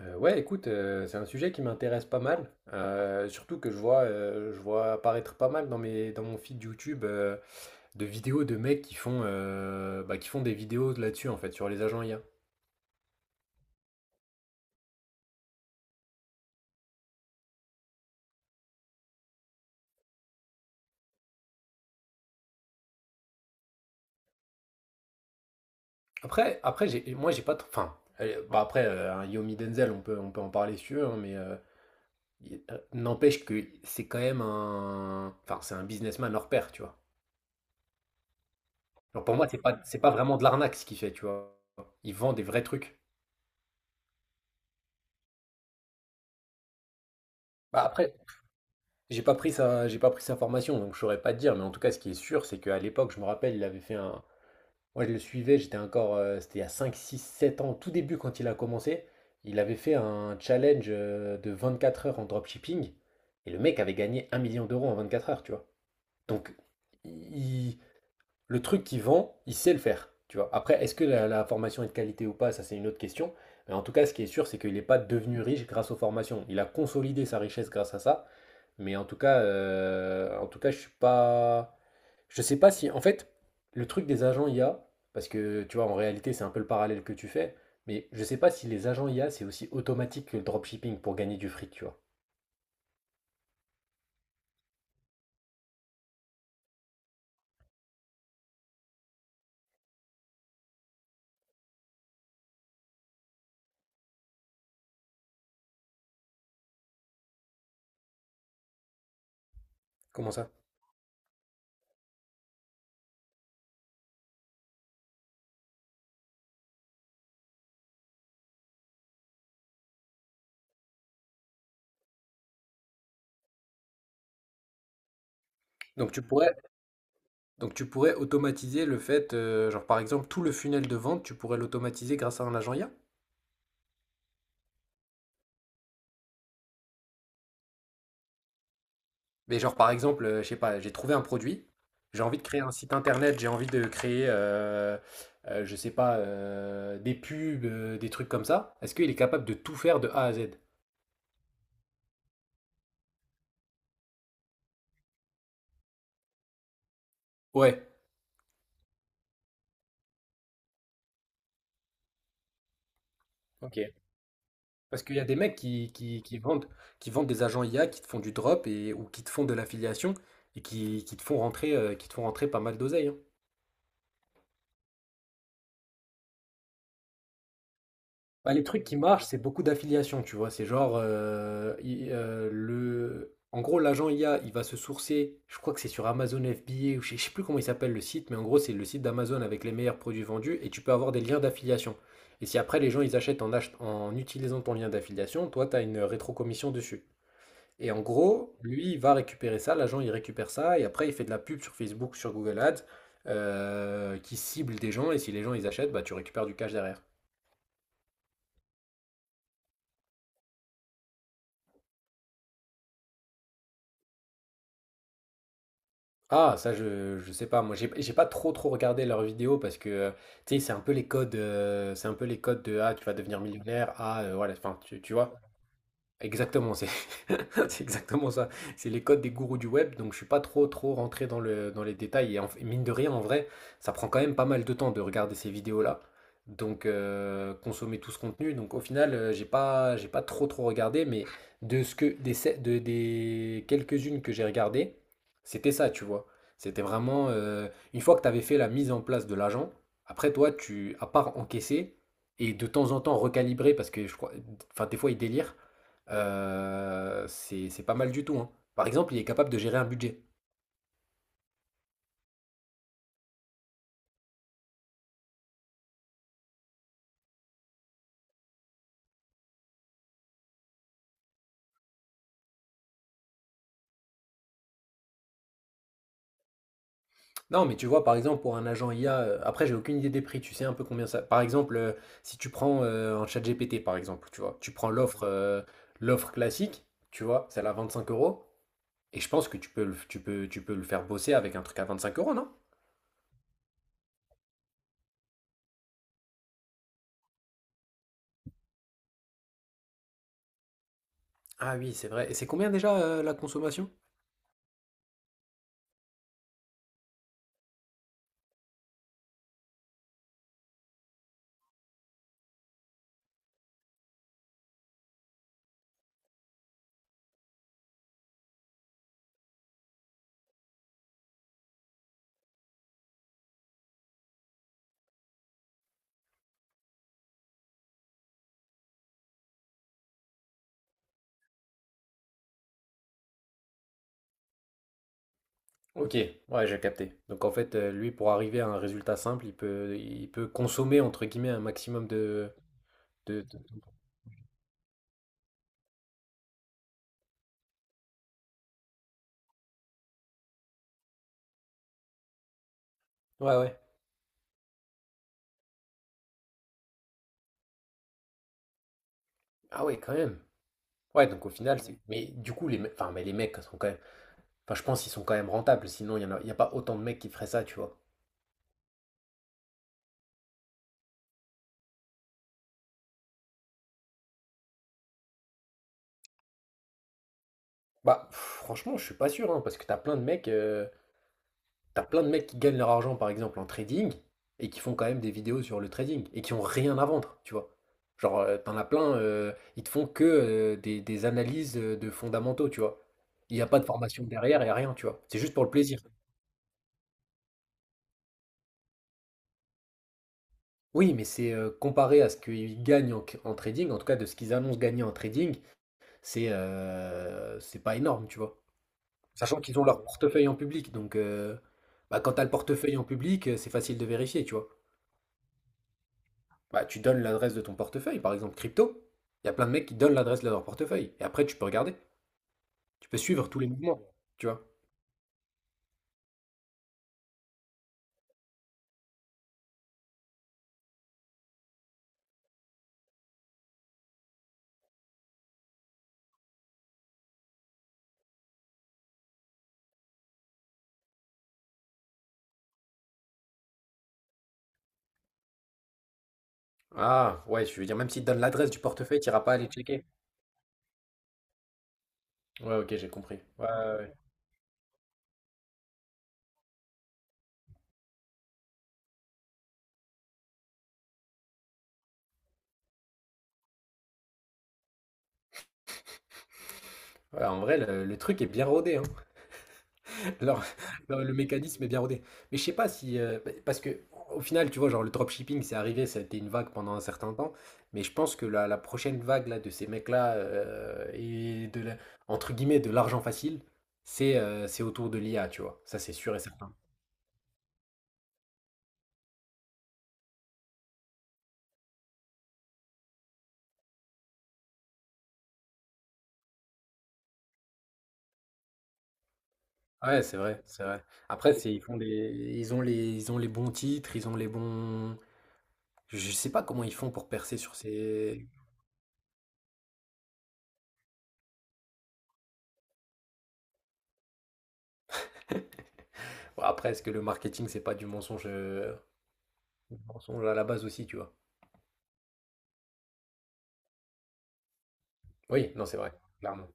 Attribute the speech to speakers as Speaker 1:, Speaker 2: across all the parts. Speaker 1: Ouais, écoute, c'est un sujet qui m'intéresse pas mal, surtout que je vois apparaître pas mal dans dans mon feed YouTube de vidéos de mecs qui font, bah, qui font des vidéos là-dessus en fait sur les agents IA. Après, moi j'ai pas, enfin, bah, après, un Yomi Denzel, on peut en parler si tu veux, hein, mais n'empêche que c'est quand même un, enfin, c'est un businessman hors pair, tu vois. Alors pour moi, c'est pas vraiment de l'arnaque ce qu'il fait, tu vois. Il vend des vrais trucs. Bah, après, J'ai pas pris sa formation, donc je saurais pas te dire, mais en tout cas, ce qui est sûr, c'est qu'à l'époque, je me rappelle, il avait fait un. Moi, je le suivais, j'étais encore. C'était il y a 5, 6, 7 ans, au tout début, quand il a commencé, il avait fait un challenge de 4 heures en dropshipping, et le mec avait gagné 1 million d'euros en 24 heures, tu vois. Donc, il- le truc qu'il vend, il sait le faire, tu vois. Après, est-ce que la formation est de qualité ou pas, ça, c'est une autre question. Mais en tout cas, ce qui est sûr, c'est qu'il n'est pas devenu riche grâce aux formations. Il a consolidé sa richesse grâce à ça. Mais en tout cas, je suis pas. Je sais pas si. En fait, le truc des agents IA, parce que tu vois, en réalité, c'est un peu le parallèle que tu fais, mais je sais pas si les agents IA, c'est aussi automatique que le dropshipping pour gagner du fric, tu vois. Comment ça? Donc tu pourrais, donc tu pourrais automatiser le fait, genre par exemple, tout le funnel de vente, tu pourrais l'automatiser grâce à un agent IA? Mais genre par exemple, je sais pas, j'ai trouvé un produit, j'ai envie de créer un site internet, j'ai envie de créer, je sais pas, des pubs, des trucs comme ça. Est-ce qu'il est capable de tout faire de A à Z? Ouais, ok. Parce qu'il y a des mecs qui vendent des agents IA, qui te font du drop et, ou qui te font de l'affiliation et qui te font rentrer pas mal d'oseille, hein. Bah, les trucs qui marchent, c'est beaucoup d'affiliations, tu vois. C'est genre, en gros, l'agent I a, il va se sourcer, je crois que c'est sur Amazon FBA, ou je sais plus comment il s'appelle le site, mais en gros, c'est le site d'Amazon avec les meilleurs produits vendus, et tu peux avoir des liens d'affiliation. Et si après, les gens, ils achètent en, en utilisant ton lien d'affiliation, toi, tu as une rétrocommission dessus. Et en gros, lui, il va récupérer ça, l'agent, il récupère ça, et après, il fait de la pub sur Facebook, sur Google Ads, qui cible des gens, et si les gens, ils achètent, bah, tu récupères du cash derrière. Ah, ça, je sais pas. Moi, j'ai pas trop trop regardé leurs vidéos parce que tu sais, c'est un peu les codes, de ah, tu vas devenir millionnaire. Ah, voilà. Enfin, tu vois. Exactement, c'est c'est exactement ça. C'est les codes des gourous du web, donc je suis pas trop trop rentré dans les détails. Et mine de rien, en vrai, ça prend quand même pas mal de temps de regarder ces vidéos-là. Donc consommer tout ce contenu. Donc au final, j'ai pas trop trop regardé, mais de ce que des quelques-unes que j'ai regardées, c'était ça, tu vois. C'était vraiment une fois que tu avais fait la mise en place de l'agent, après toi, tu à part encaisser et de temps en temps recalibrer parce que je crois, enfin des fois ils délirent. C'est pas mal du tout, hein. Par exemple, il est capable de gérer un budget. Non, mais tu vois, par exemple, pour un agent IA, après j'ai aucune idée des prix, tu sais un peu combien ça par exemple, si tu prends, un ChatGPT, par exemple, tu vois? Tu prends l'offre classique, tu vois? Celle à 25 € et je pense que tu peux le faire bosser avec un truc à 25 € non? Ah oui, c'est vrai et c'est combien déjà, la consommation? OK, ouais, j'ai capté. Donc en fait, lui, pour arriver à un résultat simple, il peut «consommer» entre guillemets un maximum de. Ouais, ouais. Ah ouais, quand même. Ouais, donc au final, c'est. Mais du coup, les mecs. Enfin, mais les mecs sont quand même. Enfin, je pense qu'ils sont quand même rentables, sinon y a pas autant de mecs qui feraient ça, tu vois. Bah, pff, franchement, je suis pas sûr, hein, parce que t'as plein de mecs qui gagnent leur argent, par exemple, en trading, et qui font quand même des vidéos sur le trading, et qui ont rien à vendre, tu vois. Genre, t'en as plein, ils te font que des analyses de fondamentaux, tu vois. Il n'y a pas de formation derrière, il n'y a rien, tu vois. C'est juste pour le plaisir. Oui, mais c'est comparé à ce qu'ils gagnent en, trading, en tout cas de ce qu'ils annoncent gagner en trading, c'est pas énorme, tu vois. Sachant qu'ils ont leur portefeuille en public, bah, quand tu as le portefeuille en public, c'est facile de vérifier, tu vois. Bah, tu donnes l'adresse de ton portefeuille, par exemple crypto, il y a plein de mecs qui donnent l'adresse de leur portefeuille, et après tu peux regarder, tu peux suivre tous les mouvements, tu vois. Ah, ouais, je veux dire, même s'ils te donnent l'adresse du portefeuille, tu n'iras pas aller checker. Ouais, ok, j'ai compris. Ouais, ouais, ouais. Ouais, en vrai, le truc est bien rodé, hein. Alors, non, le mécanisme est bien rodé. Mais je sais pas si. Bah, parce que, au final, tu vois, genre le dropshipping, c'est arrivé, ça a été une vague pendant un certain temps. Mais je pense que la prochaine vague là, de ces mecs-là et entre guillemets, de l'argent facile, c'est autour de l'IA, tu vois. Ça, c'est sûr et certain. Ouais, c'est vrai, c'est vrai. Après, c'est, ils font des, ils ont les bons titres, ils ont les bons. Je sais pas comment ils font pour percer sur ces. Bon, après, est-ce que le marketing, c'est pas du mensonge à la base aussi, tu vois? Oui, non, c'est vrai, clairement.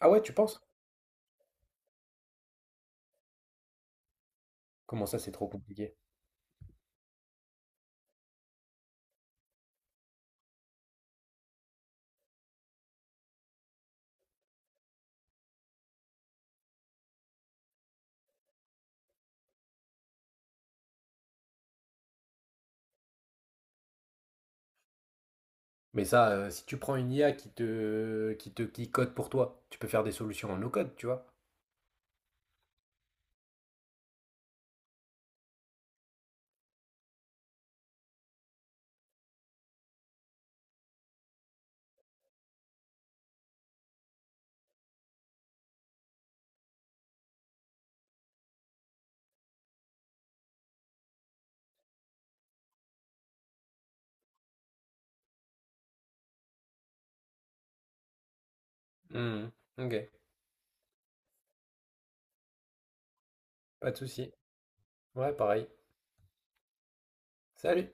Speaker 1: Ah ouais, tu penses? Comment ça, c'est trop compliqué? Mais ça, si tu prends une IA qui te, qui code pour toi, tu peux faire des solutions en no code, tu vois. Mhm. Ok, pas de souci. Ouais, pareil. Salut.